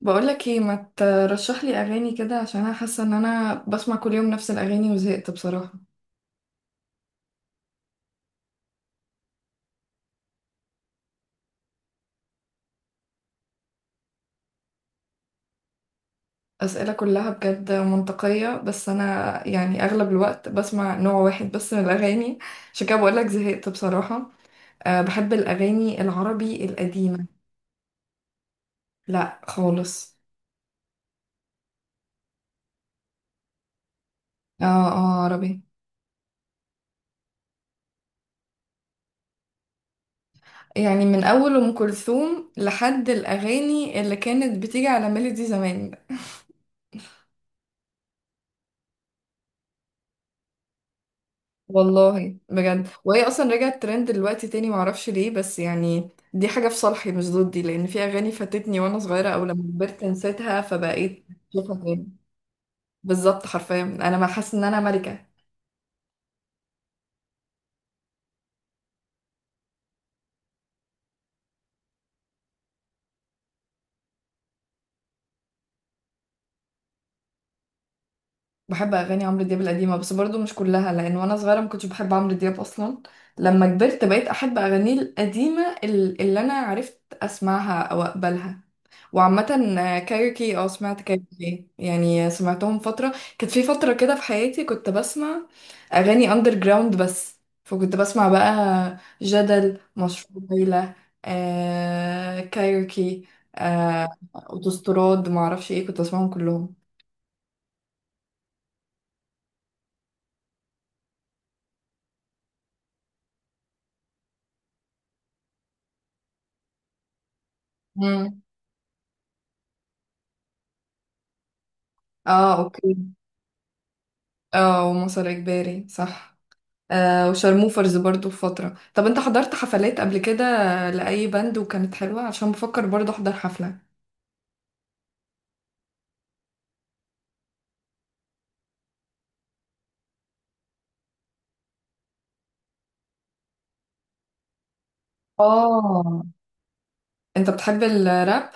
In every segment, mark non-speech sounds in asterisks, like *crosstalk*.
بقولك ايه ما ترشح لي اغاني كده؟ عشان انا حاسه ان انا بسمع كل يوم نفس الاغاني وزهقت بصراحه. اسئله كلها بجد منطقيه، بس انا اغلب الوقت بسمع نوع واحد بس من الاغاني، عشان كده بقولك زهقت بصراحه. أه، بحب الاغاني العربي القديمه. لا خالص. اه اه، عربي. يعني من اول ام كلثوم لحد الاغاني اللي كانت بتيجي على ميلودي زمان. والله بجد، وهي اصلا رجعت ترند دلوقتي تاني، معرفش ليه، بس يعني دي حاجه في صالحي مش ضدي، لان في اغاني فاتتني وانا صغيره او لما كبرت نسيتها فبقيت شايفها تاني. بالظبط، حرفيا انا ما حاسه ان انا ملكه. بحب اغاني عمرو دياب القديمه بس برضو مش كلها، لان وانا صغيره ما كنتش بحب عمرو دياب اصلا. لما كبرت بقيت احب اغانيه القديمه اللي انا عرفت اسمعها او اقبلها. وعامه، كايروكي، اه سمعت كايروكي، يعني سمعتهم فتره، كانت في فتره كده في حياتي كنت بسمع اغاني اندر جراوند، بس فكنت بسمع بقى جدل، مشروع ليلى، آه كايروكي، آه اوتوستراد، معرفش ايه، كنت بسمعهم كلهم. مم. اه اوكي. اه، ومصر اجباري صح. آه وشارموفرز برضو في فترة. طب انت حضرت حفلات قبل كده لأي باند وكانت حلوة؟ عشان بفكر برضو احضر حفلة. اه، انت بتحب الراب؟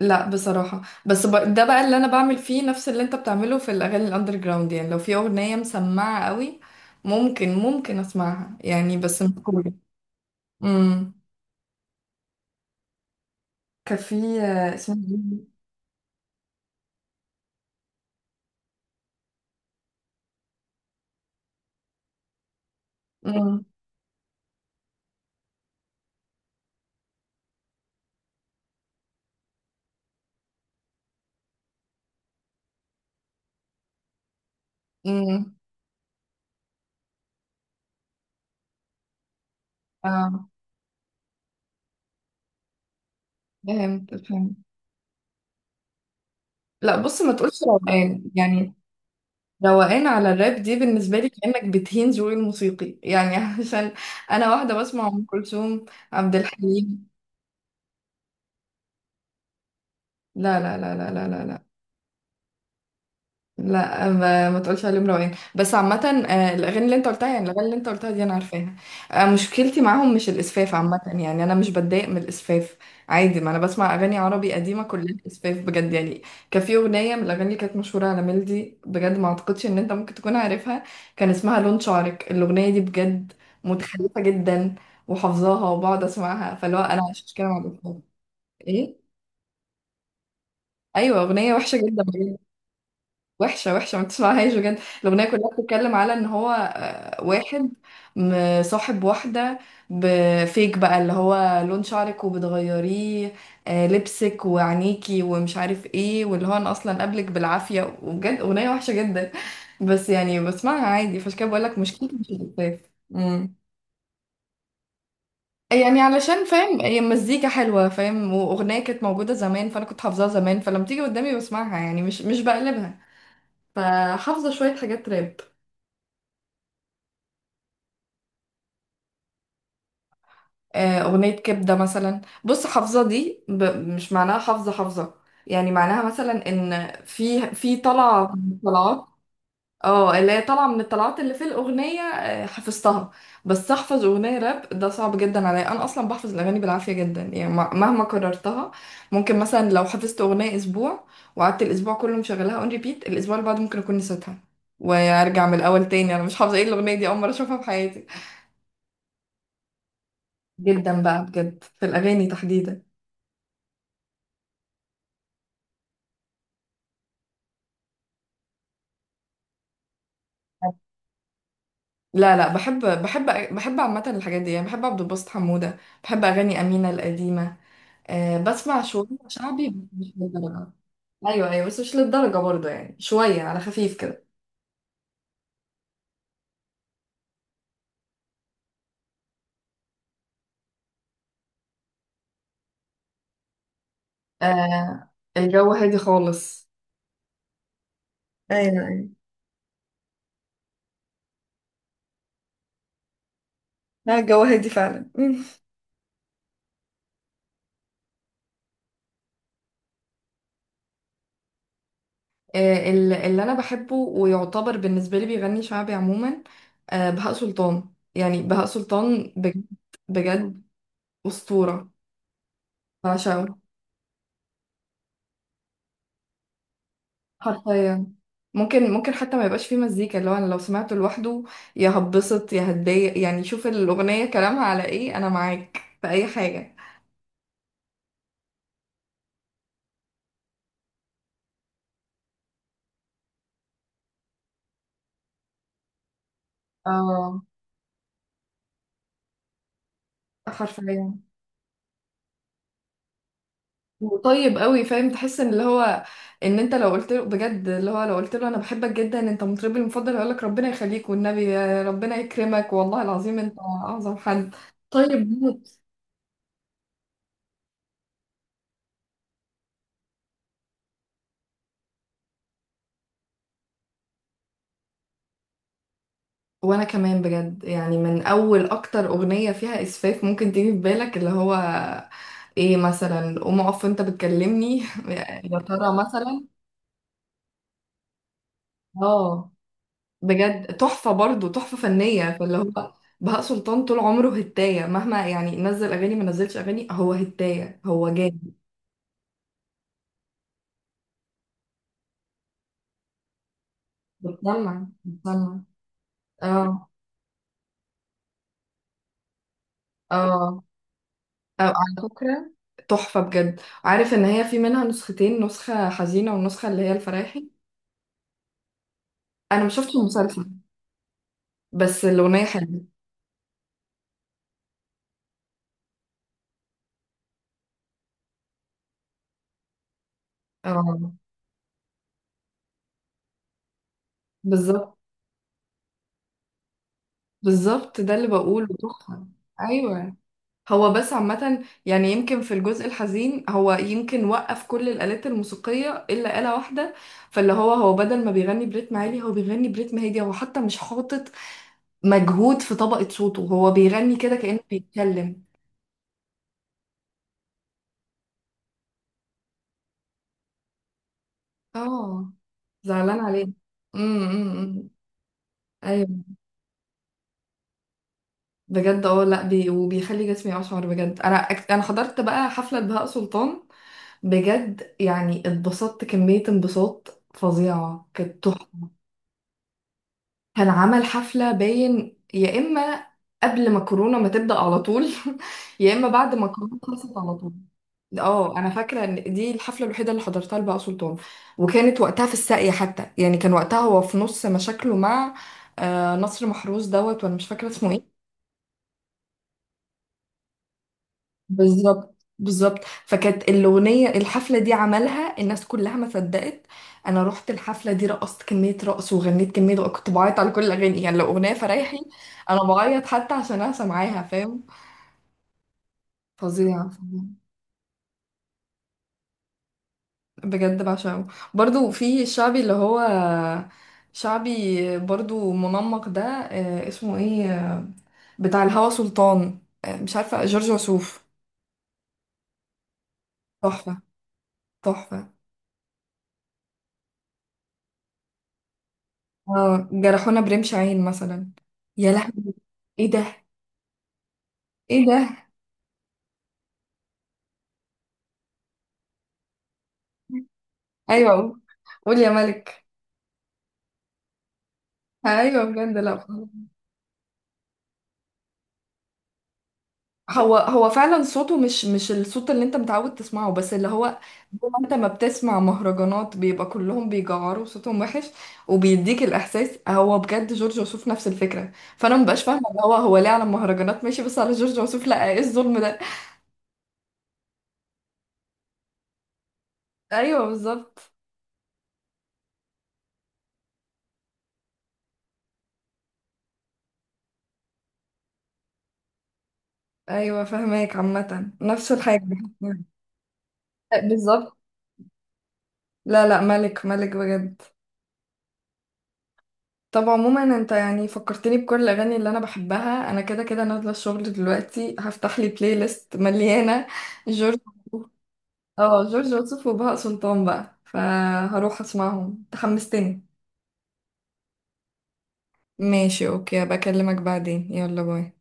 لا بصراحة، بس ده بقى اللي انا بعمل فيه نفس اللي انت بتعمله في الاغاني الاندر جراوند، يعني لو في اغنية مسمعة قوي ممكن اسمعها، يعني بس مش كوري. امم، كان في آه، اسمه، امم امم اه. فهمت فهمت. لا بص، ما تقولش روقان يعني. روقان على الراب دي بالنسبة لي كأنك بتهين ذوقي الموسيقي يعني *laughs* عشان أنا واحدة بسمع أم كلثوم، عبد الحليم. لا لا لا لا لا لا لا لا ما تقولش عليهم روقان. بس عامة، الأغاني اللي أنت قلتها، يعني الأغاني اللي أنت قلتها دي أنا عارفاها. مشكلتي معاهم مش الإسفاف، عامة يعني أنا مش بتضايق من الإسفاف، عادي، ما أنا بسمع أغاني عربي قديمة كلها إسفاف بجد يعني. كان في أغنية من الأغاني اللي كانت مشهورة على ميلدي بجد ما أعتقدش إن أنت ممكن تكون عارفها، كان اسمها لون شعرك. الأغنية دي بجد متخلفة جدا، وحافظاها وبقعد أسمعها، فاللي هو أنا عشان كده ما بعرفهاش. إيه؟ أيوة، أغنية وحشة جدا، وحشة وحشة، ما تسمعهاش بجد. الأغنية كلها بتتكلم على إن هو آه، واحد مصاحب واحدة، بفيك بقى، اللي هو لون شعرك وبتغيريه آه، لبسك وعينيكي ومش عارف ايه، واللي هو أنا أصلا قبلك بالعافية، وبجد أغنية وحشة جدا، بس يعني بسمعها عادي، فعشان كده بقولك مشكلتي مش الاكتئاب. أمم. يعني علشان فاهم؟ هي مزيكا حلوة فاهم، وأغنية كانت موجودة زمان فأنا كنت حافظاها زمان، فلما تيجي قدامي بسمعها، يعني مش بقلبها. فحافظة شوية حاجات راب. آه، أغنية كبدة مثلا، بص حافظة دي مش معناها حافظة حافظة، يعني معناها مثلا إن في طلعة من الطلعات، اه اللي هي طالعة من الطلعات اللي في الأغنية، آه، حفظتها. بس أحفظ أغنية راب ده صعب جدا عليا، أنا أصلا بحفظ الأغاني بالعافية جدا يعني مهما كررتها. ممكن مثلا لو حفظت أغنية أسبوع وقعدت الأسبوع كله مشغلاها أون ريبيت، الأسبوع اللي بعده ممكن أكون نسيتها وأرجع من الأول تاني، أنا مش حافظة إيه الأغنية دي، أول مرة أشوفها في حياتي، جدا بقى بجد في الأغاني تحديدا. لا لا، بحب بحب، بحب عامة الحاجات دي، يعني بحب عبد الباسط حمودة، بحب أغاني أمينة القديمة. أه بسمع شوية شعبي بس مش للدرجة. أيوة أيوة، بس مش للدرجة برضه، يعني شوية على خفيف كده. أه، الجو هادي خالص. ايوه ايوه. لا الجو هادي فعلا *laughs* أه اللي أنا بحبه ويعتبر بالنسبة لي بيغني شعبي عموما، أه بهاء سلطان، يعني بهاء سلطان بجد، بجد أسطورة، بعشقه حرفيا. ممكن حتى ما يبقاش فيه مزيكا، اللي هو انا لو سمعته لوحده، يا هتبسط يا هتضايق، يعني شوف الاغنيه كلامها على ايه، انا معاك في اي حاجه. اه حرفيا. وطيب قوي فاهم، تحس ان اللي هو ان انت لو قلت له بجد، اللي هو لو قلت له انا بحبك جدا انت مطربي المفضل، هيقول لك ربنا يخليك والنبي، يا ربنا يكرمك والله العظيم انت اعظم حد. طيب. وانا كمان بجد، يعني من اول اكتر اغنية فيها اسفاف ممكن تيجي في بالك، اللي هو ايه، مثلا قوم اقف انت بتكلمني *laughs* يا ترى مثلا. اه، بجد تحفة برضو، تحفة فنية، فاللي هو بهاء سلطان طول عمره هتاية، مهما يعني نزل اغاني ما نزلش اغاني، هو هتاية، هو جامد. بتسمع بتسمع، اه اه. أو على فكرة، تحفة بجد، عارف ان هي في منها نسختين، نسخة حزينة والنسخة اللي هي الفرايحي. انا ما شفتش المسلسل بس الأغنية حلوة. اه بالظبط بالظبط، ده اللي بقوله تحفة. أيوة، هو بس عامة يعني يمكن في الجزء الحزين، هو يمكن وقف كل الآلات الموسيقية إلا آلة واحدة، فاللي هو هو بدل ما بيغني بريتم عالي هو بيغني بريتم هادي، هو حتى مش حاطط مجهود في طبقة صوته، هو بيغني كده كأنه بيتكلم. اه، زعلان عليه. أمم. إمم. ايوه بجد. اه لا بي، وبيخلي جسمي اشعر بجد. انا انا حضرت بقى حفله بهاء سلطان، بجد يعني اتبسطت كمية انبساط فظيعة، كانت تحفة. كان عمل حفلة باين، يا إما قبل ما كورونا ما تبدأ على طول *laughs* يا إما بعد ما كورونا خلصت على طول. اه انا فاكره ان دي الحفله الوحيده اللي حضرتها لبهاء سلطان، وكانت وقتها في الساقيه حتى، يعني كان وقتها هو في نص مشاكله مع آه، نصر محروس دوت، وانا مش فاكره اسمه ايه. بالظبط بالظبط. فكانت الأغنية الحفلة دي عملها، الناس كلها ما صدقت. أنا رحت الحفلة دي، رقصت كمية رقص وغنيت كمية رقص، كنت بعيط على كل الأغاني، يعني لو أغنية فرايحي أنا بعيط، حتى عشان أنا سامعاها فاهم. فظيع فظيع. بجد بعشقه. برضو في الشعبي اللي هو شعبي برضو منمق ده، آه، اسمه ايه، بتاع الهوى سلطان، آه، مش عارفة، جورج وسوف. تحفة تحفة. اه جرحونا برمش عين مثلا، يا لهوي ايه ده، ايه ده. ايوه قول، قول يا ملك. ايوه بجد. لا هو هو فعلا صوته مش الصوت اللي انت متعود تسمعه، بس اللي هو زي ما انت ما بتسمع مهرجانات بيبقى كلهم بيجعروا صوتهم وحش وبيديك الاحساس، هو بجد جورج وسوف نفس الفكره، فانا مبقاش فاهمه اللي هو هو ليه على المهرجانات ماشي بس على جورج وسوف لا، ايه الظلم ده. ايوه بالظبط. ايوه فاهماك، عامه نفس الحاجه. بالظبط. لا لا ملك ملك بجد. طب عموما، انت يعني فكرتني بكل الاغاني اللي انا بحبها، انا كده كده نازله الشغل دلوقتي، هفتح لي بلاي ليست مليانه جورج. اه جورج وسوف وبهاء سلطان بقى، فهروح اسمعهم، تحمستني. ماشي اوكي، بكلمك بعدين، يلا باي.